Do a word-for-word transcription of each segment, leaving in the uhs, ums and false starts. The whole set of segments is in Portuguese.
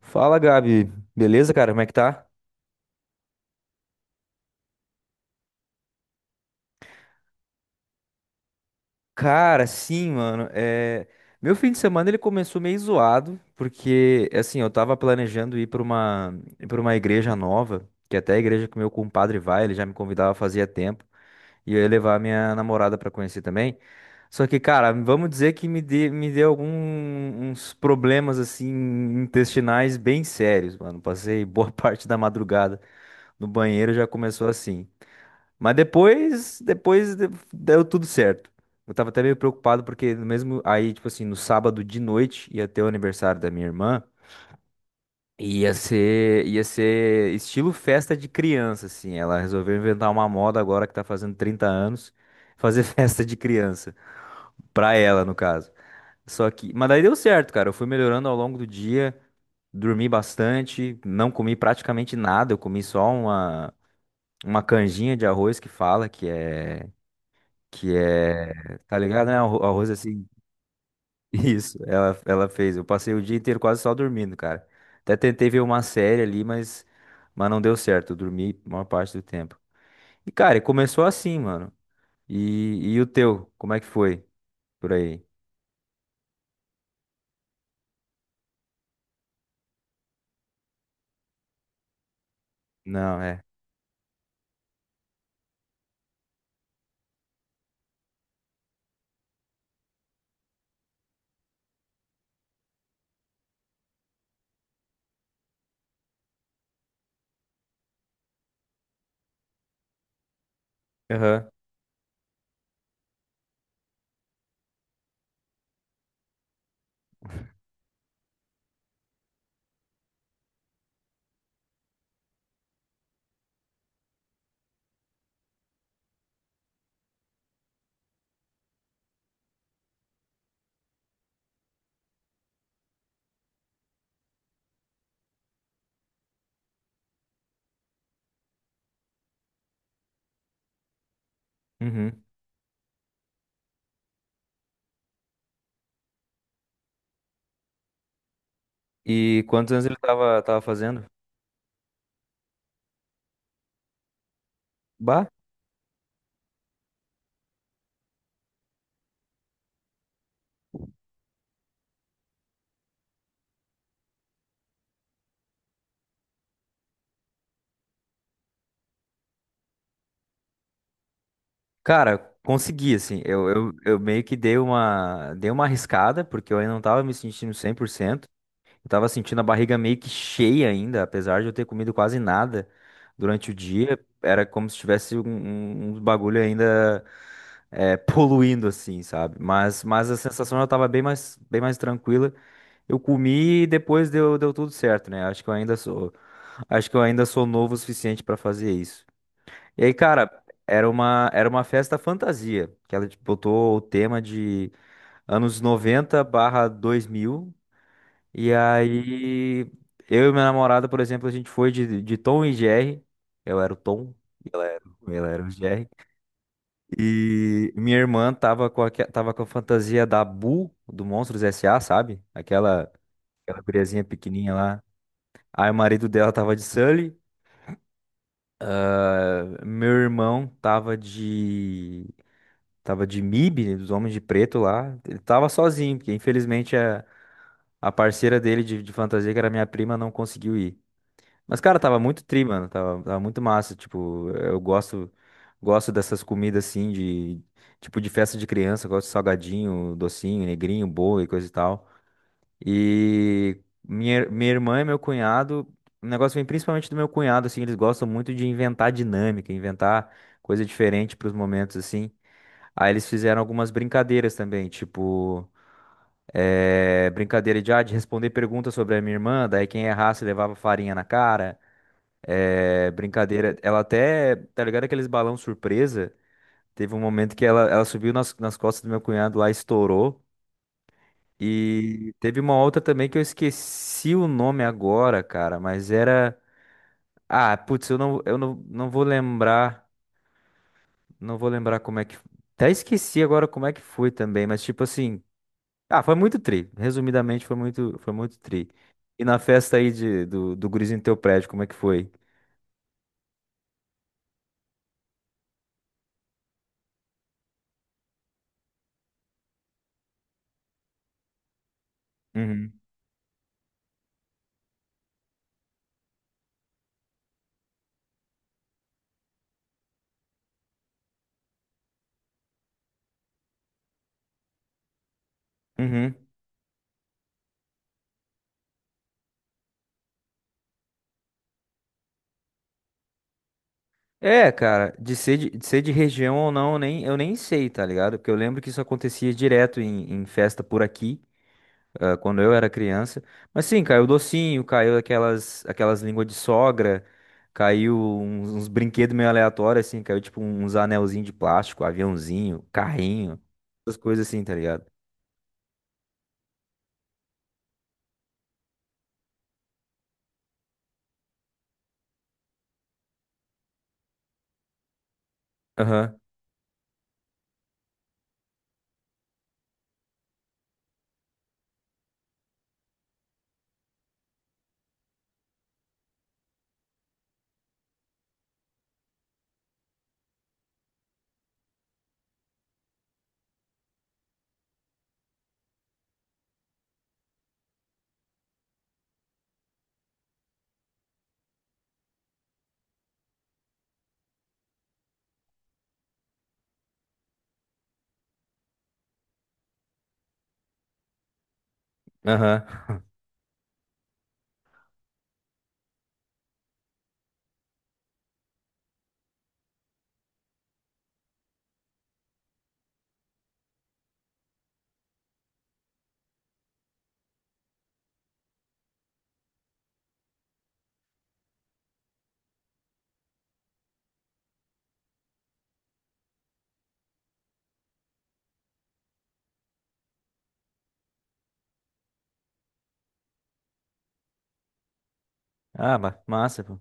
Fala, Gabi. Beleza, cara? Como é que tá? Cara, sim, mano. É... Meu fim de semana ele começou meio zoado, porque, assim, eu tava planejando ir pra uma, pra uma igreja nova, que até a igreja que meu compadre vai, ele já me convidava fazia tempo, e eu ia levar minha namorada pra conhecer também. Só que, cara, vamos dizer que me, de... me deu alguns problemas, assim, intestinais bem sérios, mano. Passei boa parte da madrugada no banheiro, já começou assim. Mas depois, depois de- deu tudo certo. Eu tava até meio preocupado porque no mesmo aí, tipo assim, no sábado de noite ia ter o aniversário da minha irmã. Ia ser, ia ser estilo festa de criança, assim. Ela resolveu inventar uma moda agora que tá fazendo trinta anos, fazer festa de criança. Pra ela, no caso. Só que, mas daí deu certo, cara. Eu fui melhorando ao longo do dia, dormi bastante, não comi praticamente nada. Eu comi só uma, uma, canjinha de arroz que fala, que é que é, tá ligado, né? O arroz assim. Isso, ela, ela fez. Eu passei o dia inteiro quase só dormindo, cara. Até tentei ver uma série ali, mas, mas, não deu certo. Eu dormi a maior parte do tempo. E, cara, e começou assim, mano. E, e o teu, como é que foi por aí? Não, é. Aham. Uhum. E quantos anos ele tava, tava fazendo? Bah. Cara, consegui, assim. Eu, eu, eu meio que dei uma, dei uma arriscada, porque eu ainda não tava me sentindo cem por cento. Eu tava sentindo a barriga meio que cheia ainda, apesar de eu ter comido quase nada durante o dia. Era como se tivesse um, um- um bagulho ainda é, poluindo, assim, sabe? Mas, mas a sensação já tava bem mais, bem mais tranquila. Eu comi e depois deu, deu tudo certo, né? Acho que eu ainda sou, acho que eu ainda sou, novo o suficiente pra fazer isso. E aí, cara, era uma, era uma festa fantasia, que ela botou o tema de anos noventa barra dois mil e aí, eu e minha namorada, por exemplo, a gente foi de, de, Tom e Jerry. Eu era o Tom, ela era o Jerry. E minha irmã tava com a, tava com a fantasia da Boo, do Monstros S A, sabe? Aquela, aquela guriazinha pequenininha lá. Aí o marido dela tava de Sully. eh, Meu irmão tava de... Tava de M I B, né, dos Homens de Preto lá. Ele tava sozinho, porque infelizmente a, a parceira dele de, de fantasia, que era minha prima, não conseguiu ir. Mas, cara, tava muito tri, mano. Tava, tava muito massa. Tipo, eu gosto, gosto dessas comidas assim, de tipo de festa de criança. Gosto de salgadinho, docinho, negrinho, bolo e coisa e tal. E minha, minha irmã e meu cunhado, o negócio vem principalmente do meu cunhado, assim. Eles gostam muito de inventar dinâmica, inventar coisa diferente para os momentos, assim. Aí eles fizeram algumas brincadeiras também, tipo. Eh, brincadeira de, ah, de responder perguntas sobre a minha irmã, daí quem errasse levava farinha na cara. É brincadeira. Ela até, tá ligado aqueles balão surpresa? Teve um momento que ela, ela subiu nas, nas costas do meu cunhado lá, estourou. E teve uma outra também que eu esqueci o nome agora, cara, mas era. Ah, putz, eu não, eu não, não vou lembrar. Não vou lembrar como é que. Até esqueci agora como é que foi também, mas tipo assim. Ah, foi muito tri. Resumidamente, foi muito, foi muito tri. E na festa aí de, do, do gurizinho do teu prédio, como é que foi? Uhum. Uhum. É, cara, de ser de, de ser de região ou não, eu nem, eu nem sei, tá ligado? Porque eu lembro que isso acontecia direto em, em, festa por aqui, ah, quando eu era criança. Mas sim, caiu docinho, caiu aquelas, aquelas, línguas de sogra, caiu uns, uns brinquedos meio aleatórios, assim, caiu tipo uns anelzinhos de plástico, aviãozinho, carrinho, essas coisas assim, tá ligado? Aham, aham. Ah, ma- massa, pô.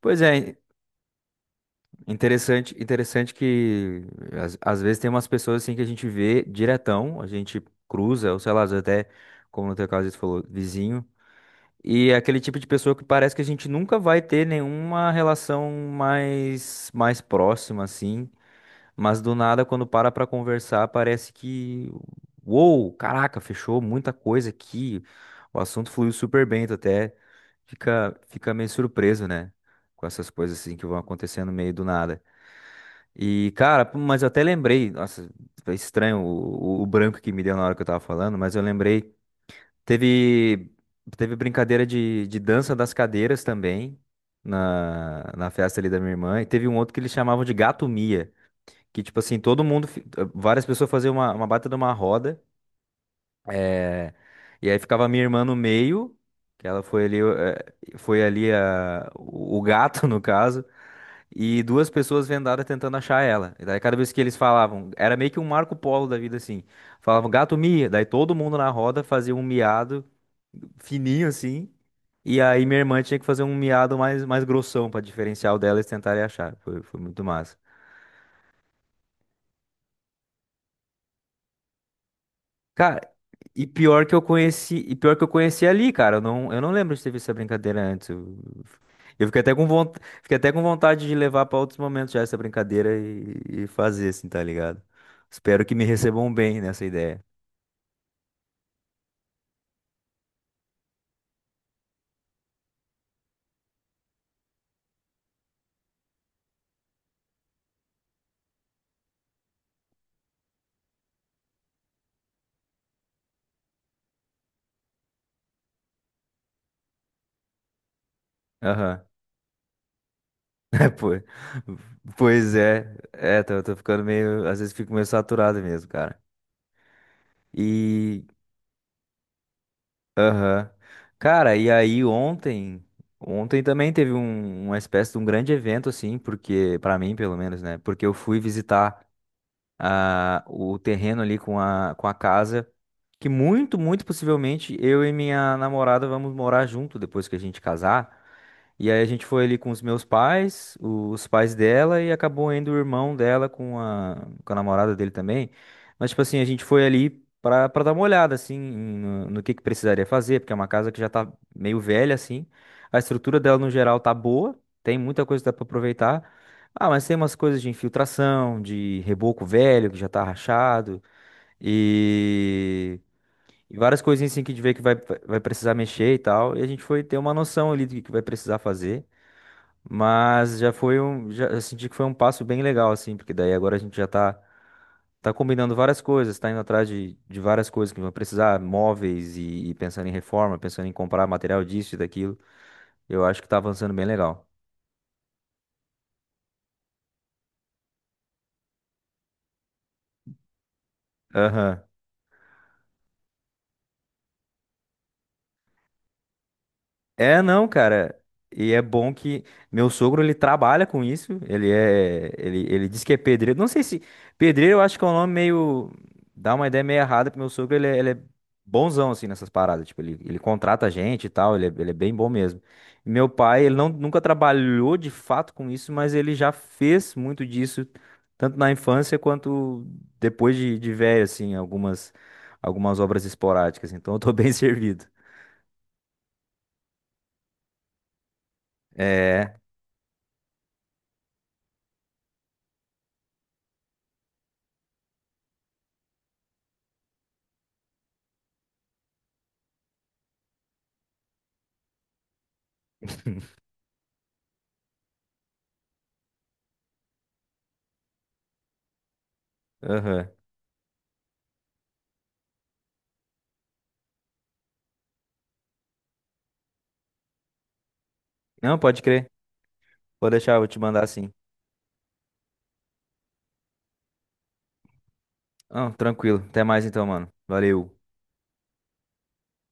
Pois é. Interessante, interessante que às, às vezes tem umas pessoas assim que a gente vê diretão, a gente cruza, ou sei lá, às vezes até, como no teu caso você falou, vizinho, e é aquele tipo de pessoa que parece que a gente nunca vai ter nenhuma relação mais mais próxima assim, mas do nada quando para pra conversar parece que, uou, caraca, fechou muita coisa aqui, o assunto fluiu super bem, tu até fica fica meio surpreso, né, com essas coisas assim que vão acontecendo meio do nada. E, cara, pô, mas eu até lembrei, nossa, é estranho o, o- o branco que me deu na hora que eu tava falando, mas eu lembrei, teve, teve, brincadeira de, de dança das cadeiras também, na, na festa ali da minha irmã, e teve um outro que eles chamavam de gato Mia, que, tipo assim, todo mundo, fi- ah, várias pessoas faziam uma, uma baita de uma roda, é, e aí ficava a minha irmã no meio, que ela foi ali, eh, foi ali a, o o gato, no caso, e duas pessoas vendadas tentando achar ela. E daí cada vez que eles falavam, era meio que um Marco Polo da vida assim. Falavam gato mia, daí todo mundo na roda fazia um miado fininho assim. E aí minha irmã tinha que fazer um miado mais mais grossão pra diferenciar o dela e tentarem achar. Foi, foi muito massa. Cara, E pior que eu conheci, e pior que eu conheci ali, cara. Eu não, eu não lembro de ter visto essa brincadeira antes. Eu, eu fiquei até com vontade, fiquei até com vontade de levar pra outros momentos já essa brincadeira e, e fazer assim, tá ligado? Espero que me recebam bem nessa ideia. Aham. É, pô. Pois é. É, tô, tô ficando meio, às vezes fico meio saturado mesmo, cara. E Aham. Cara, e aí ontem, ontem também teve um- uma espécie de um grande evento assim, porque para mim, pelo menos, né? Porque eu fui visitar a, o terreno ali com a, com a, casa, que muito, muito possivelmente eu e minha namorada vamos morar junto depois que a gente casar. E aí a gente foi ali com os meus pais, os pais dela e acabou indo o irmão dela com a, com a namorada dele também. Mas tipo assim, a gente foi ali pra, pra dar uma olhada assim em- no, no que que precisaria fazer, porque é uma casa que já tá meio velha assim. A estrutura dela no geral tá boa, tem muita coisa que dá pra aproveitar. Ah, mas tem umas coisas de infiltração, de reboco velho que já tá rachado e, e, várias coisinhas assim que a gente vê que vai, vai precisar mexer e tal. E a gente foi ter uma noção ali do que que vai precisar fazer, mas já foi um, já eu senti que foi um passo bem legal assim, porque daí agora a gente já tá tá combinando várias coisas, tá indo atrás de, de, várias coisas que vão precisar, móveis e, e pensando em reforma, pensando em comprar material disso e daquilo. Eu acho que tá avançando bem legal. Aham. É, não, cara. E é bom que meu sogro ele trabalha com isso. Ele é, ele, ele diz que é pedreiro. Não sei se pedreiro, eu acho que é um nome meio dá uma ideia meio errada pro meu sogro. Ele, é- ele é bonzão assim nessas paradas. Tipo, ele, ele contrata gente e tal. Ele, é- ele é bem bom mesmo. E meu pai, ele não, nunca trabalhou de fato com isso, mas ele já fez muito disso tanto na infância quanto depois de, de, velho, assim, algumas algumas obras esporádicas. Então, eu tô bem servido. É. Aham. Não, pode crer. Vou deixar, eu vou te mandar sim. Não, tranquilo. Até mais então, mano. Valeu.